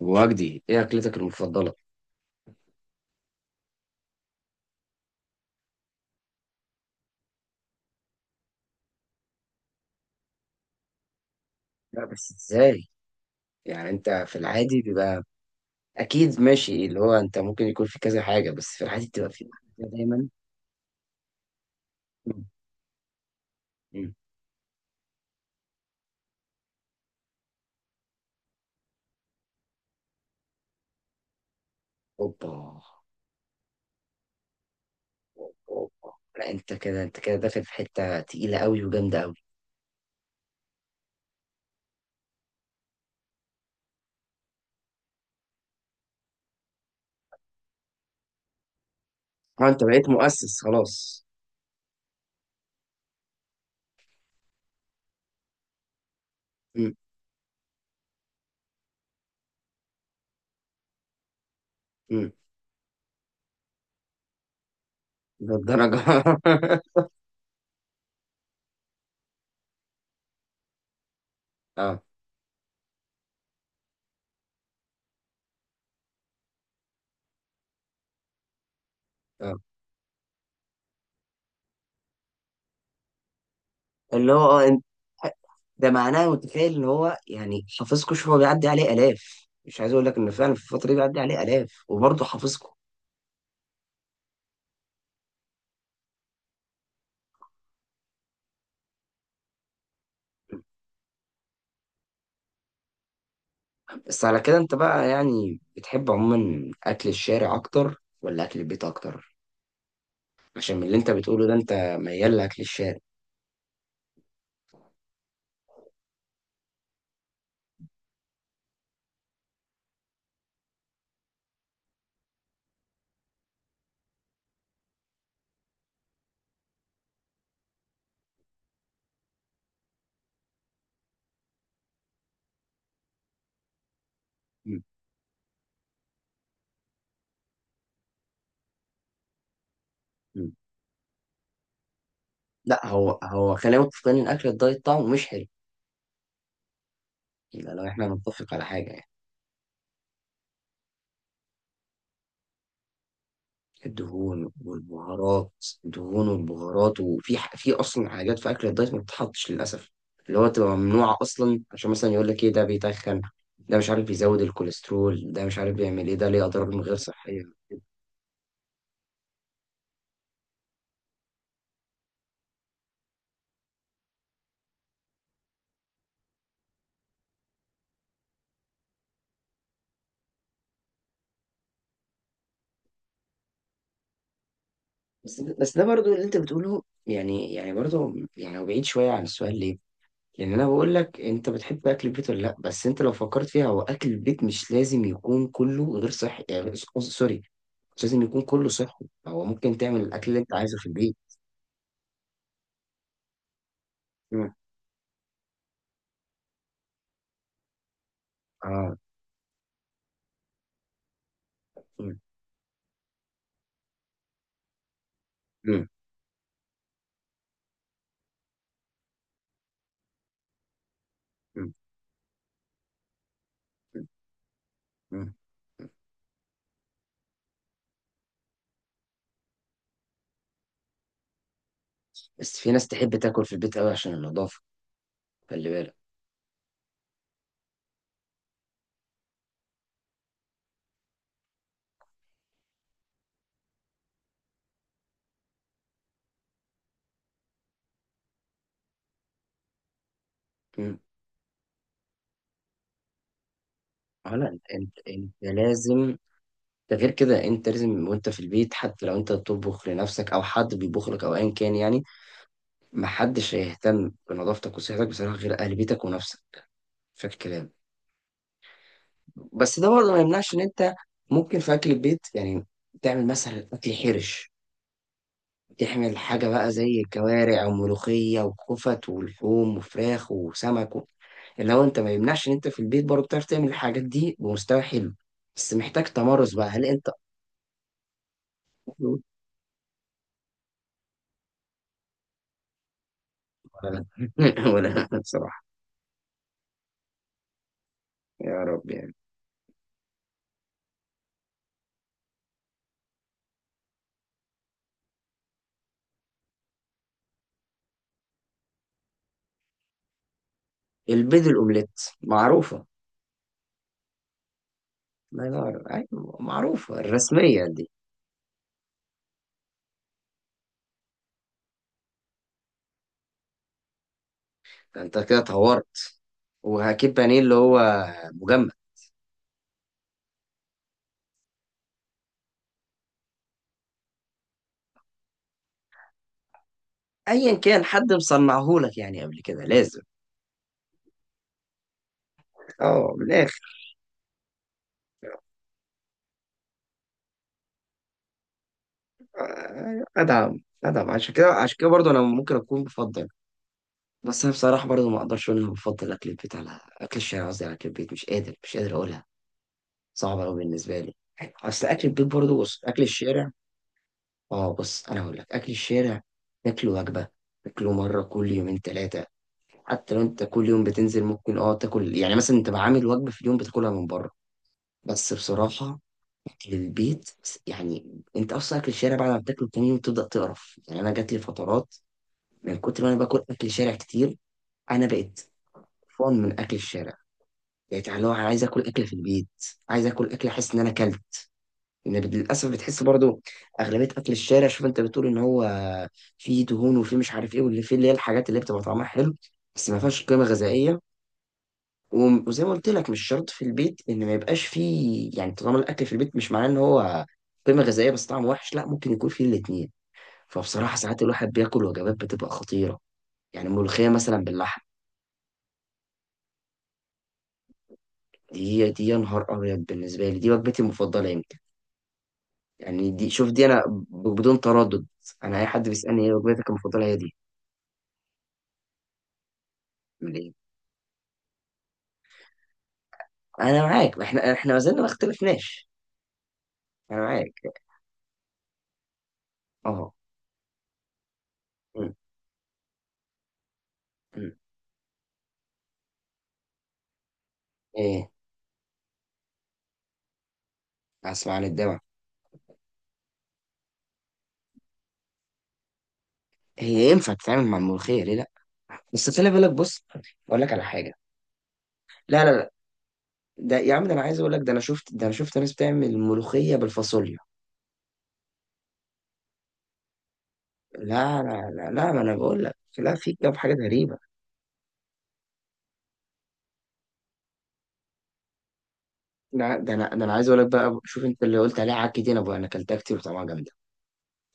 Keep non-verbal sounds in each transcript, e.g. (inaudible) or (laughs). وجدي، ايه اكلتك المفضله؟ لا، بس ازاي؟ يعني انت في العادي بيبقى اكيد ماشي اللي هو انت ممكن يكون في كذا حاجه، بس في العادي بتبقى في حاجه دايما. مم. مم. اوبا اوبا أوبا. لا، انت كده داخل في حته تقيله قوي وجامده قوي. اه، انت بقيت مؤسس خلاص. مم. مم. للدرجه؟ (laughs) اه اه، اللي هو انت، ده معناه متخيل ان هو يعني حافظكوا. شوف، هو بيعدي عليه الاف، مش عايز اقول لك ان فعلا في الفتره دي بيعدي عليه الاف وبرضه حافظكوا. بس على كده انت بقى يعني بتحب عموما اكل الشارع اكتر ولا اكل البيت اكتر؟ عشان من اللي انت بتقوله ده انت ميال لاكل الشارع. م- م. لا، هو هو خلينا متفقين ان اكل الدايت طعمه مش حلو، الا لو احنا نتفق على حاجه يعني. الدهون والبهارات. وفي في اصلا حاجات في اكل الدايت ما بتتحطش للاسف، اللي هو تبقى ممنوعه اصلا عشان مثلا يقول لك ايه، ده بيتخن، ده مش عارف بيزود الكوليسترول، ده مش عارف بيعمل ايه، ده ليه اضرار من غير صحيه. بس ده برضو اللي انت بتقوله، يعني برضو يعني هو بعيد شويه عن السؤال، ليه؟ لان انا بقول لك انت بتحب اكل البيت ولا لا؟ بس انت لو فكرت فيها، هو اكل البيت مش لازم يكون كله غير صحي، يعني قصدي سوري، مش لازم يكون كله صحي، هو ممكن تعمل الاكل اللي انت عايزه في البيت. مم. اه. مم. مم. مم. مم. بس في ناس تحب تاكل في البيت قوي عشان النظافه، خلي بالك. مم. اه، لا، انت لازم، ده غير كده انت لازم وانت في البيت، حتى لو انت بتطبخ لنفسك او حد بيطبخ لك او ايا كان يعني، محدش هيهتم بنظافتك وصحتك بصراحه غير اهل بيتك ونفسك، فاكر الكلام. بس ده برضه ما يمنعش ان انت ممكن في اكل البيت يعني تعمل مثلا اكل حرش، تعمل حاجه بقى زي الكوارع وملوخيه وخفت ولحوم وفراخ وسمك، و... اللي هو انت ما يمنعش ان انت في البيت برضه بتعرف تعمل الحاجات دي بمستوى حلو، بس محتاج تمرس بقى. هل انت (laughs) ولا لا (laughs) ولا لا، بصراحه. يا رب يعني. البيض الأومليت معروفة. الله ينور، أيوة، معروفة الرسمية دي. أنت كده طورت. وهجيب بانيه اللي هو مجمد. أيا كان حد مصنعهولك يعني قبل كده لازم. أه، من الآخر. آه، أدعم أدعم، عشان كده عشان كده برضه أنا ممكن أكون بفضل. بس أنا بصراحة برضه ما أقدرش أقول إن أنا بفضل أكل البيت على أكل الشارع، قصدي على أكل البيت، مش قادر، مش قادر أقولها. صعبة أوي بالنسبة لي. أيوة، أصل أكل البيت برضه، بص، أكل الشارع، اه، بص انا هقول لك، اكل الشارع تاكله وجبه، تاكله مره كل يومين ثلاثه، حتى لو انت كل يوم بتنزل ممكن تاكل يعني مثلا انت عامل وجبه في اليوم بتاكلها من بره، بس بصراحه اكل البيت، يعني انت اصلا اكل الشارع بعد ما بتاكله تاني يوم تبدا تقرف، يعني انا جات لي فترات من كتر ما انا باكل اكل شارع كتير، انا بقيت فان من اكل الشارع، بقيت اللي هو انا عايز اكل اكل في البيت، عايز اكل اكل احس ان انا اكلت. إن للاسف بتحس برضو اغلبيه اكل الشارع، شوف انت بتقول ان هو فيه دهون وفيه مش عارف ايه، واللي فيه اللي هي الحاجات اللي بتبقى طعمها حلو بس ما فيهاش قيمه غذائيه. وزي ما قلت لك، مش شرط في البيت ان ما يبقاش فيه، يعني طالما الاكل في البيت، مش معناه ان هو قيمه غذائيه بس طعمه وحش، لا، ممكن يكون فيه الاتنين. فبصراحه ساعات الواحد بياكل وجبات بتبقى خطيره، يعني ملوخيه مثلا باللحم، دي يا نهار ابيض، بالنسبه لي دي وجبتي المفضله يمكن، يعني دي، شوف دي انا بدون تردد، انا اي حد بيسالني ايه وجبتك المفضله، هي دي. انا معاك، احنا ما زلنا ما اختلفناش. انا معاك اه. أمم، أمم. ايه؟ اسمع عن الدواء. هي ينفع تتعامل مع الملوخيه، ليه لا؟ بس خلي بالك، بص، اقول لك على حاجه. لا لا لا، ده يا عم، ده انا عايز اقول لك، ده انا شفت ناس بتعمل ملوخيه بالفاصوليا. لا لا لا لا، ما انا بقول لك لا، في كام حاجه غريبه. لا، ده انا عايز اقول لك بقى، شوف انت اللي قلت عليها عكي دي، انا اكلتها كتير وطعمها جامده،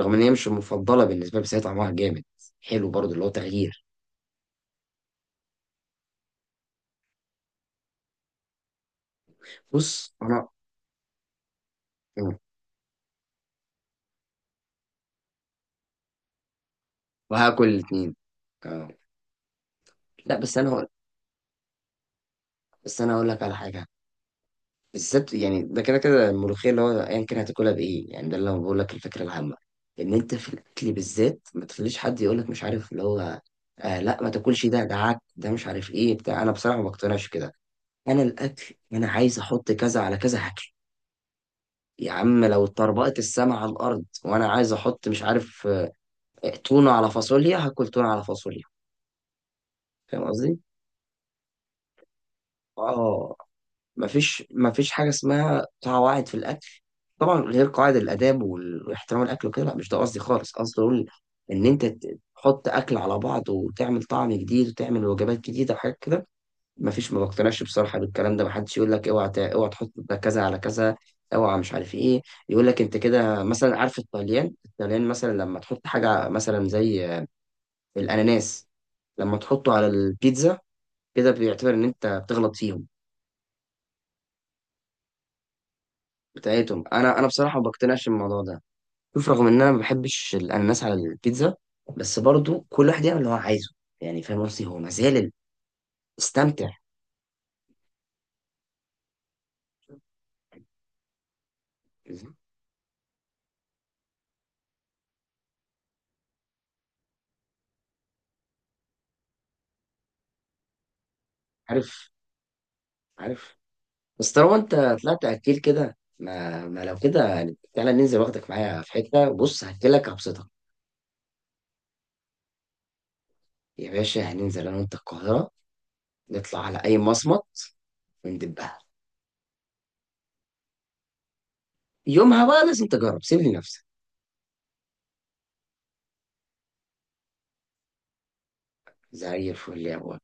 رغم ان هي مش المفضله بالنسبه لي بس هي طعمها جامد حلو برضه اللي هو تغيير. بص انا، وهاكل الاتنين. اه، لا، بس انا هقول لك على حاجه بالذات، يعني ده كده كده الملوخيه، اللي هو ايا كان هتاكلها بايه، يعني ده اللي انا بقول لك، الفكره العامه ان انت في الاكل بالذات ما تخليش حد يقول لك مش عارف اللي هو آه لا ما تاكلش ده عك، ده مش عارف ايه بتاع، انا بصراحه ما بقتنعش كده. انا الاكل انا عايز احط كذا على كذا هاكل، يا عم لو اتطربقت السما على الارض وانا عايز احط مش عارف، آه، تونه على فاصوليا، هاكل تونه على فاصوليا. فاهم قصدي؟ اه. مفيش حاجة اسمها قواعد في الأكل، طبعا غير قواعد الآداب، واحترام الأكل وكده، لا مش ده قصدي خالص، قصدي أقول إن أنت تحط أكل على بعض وتعمل طعم جديد وتعمل وجبات جديدة وحاجات كده، مفيش، ما بقتنعش بصراحة بالكلام ده، محدش يقول لك اوعى اوعى تحط ده كذا على كذا، اوعى مش عارف ايه، يقول لك انت كده مثلا. عارف الطليان؟ الطليان مثلا لما تحط حاجة مثلا زي الأناناس، لما تحطه على البيتزا، كده بيعتبر إن أنت بتغلط فيهم، بتاعتهم. انا بصراحه ما بقتنعش بالموضوع ده، شوف رغم ان انا ما بحبش الاناناس على البيتزا، بس برضو كل واحد يعمل اللي هو عايزه، يعني فاهم قصدي؟ هو مازال استمتع. عارف عارف بس طالما انت طلعت اكيل كده، ما لو كده يعني تعالى ننزل، واخدك معايا في حته، بص هاكلك هبسطك، يا باشا هننزل انا وانت القاهره، نطلع على اي مصمت وندبها، يومها بقى لازم تجرب، سيب لي نفسك، زي الفل يا ابو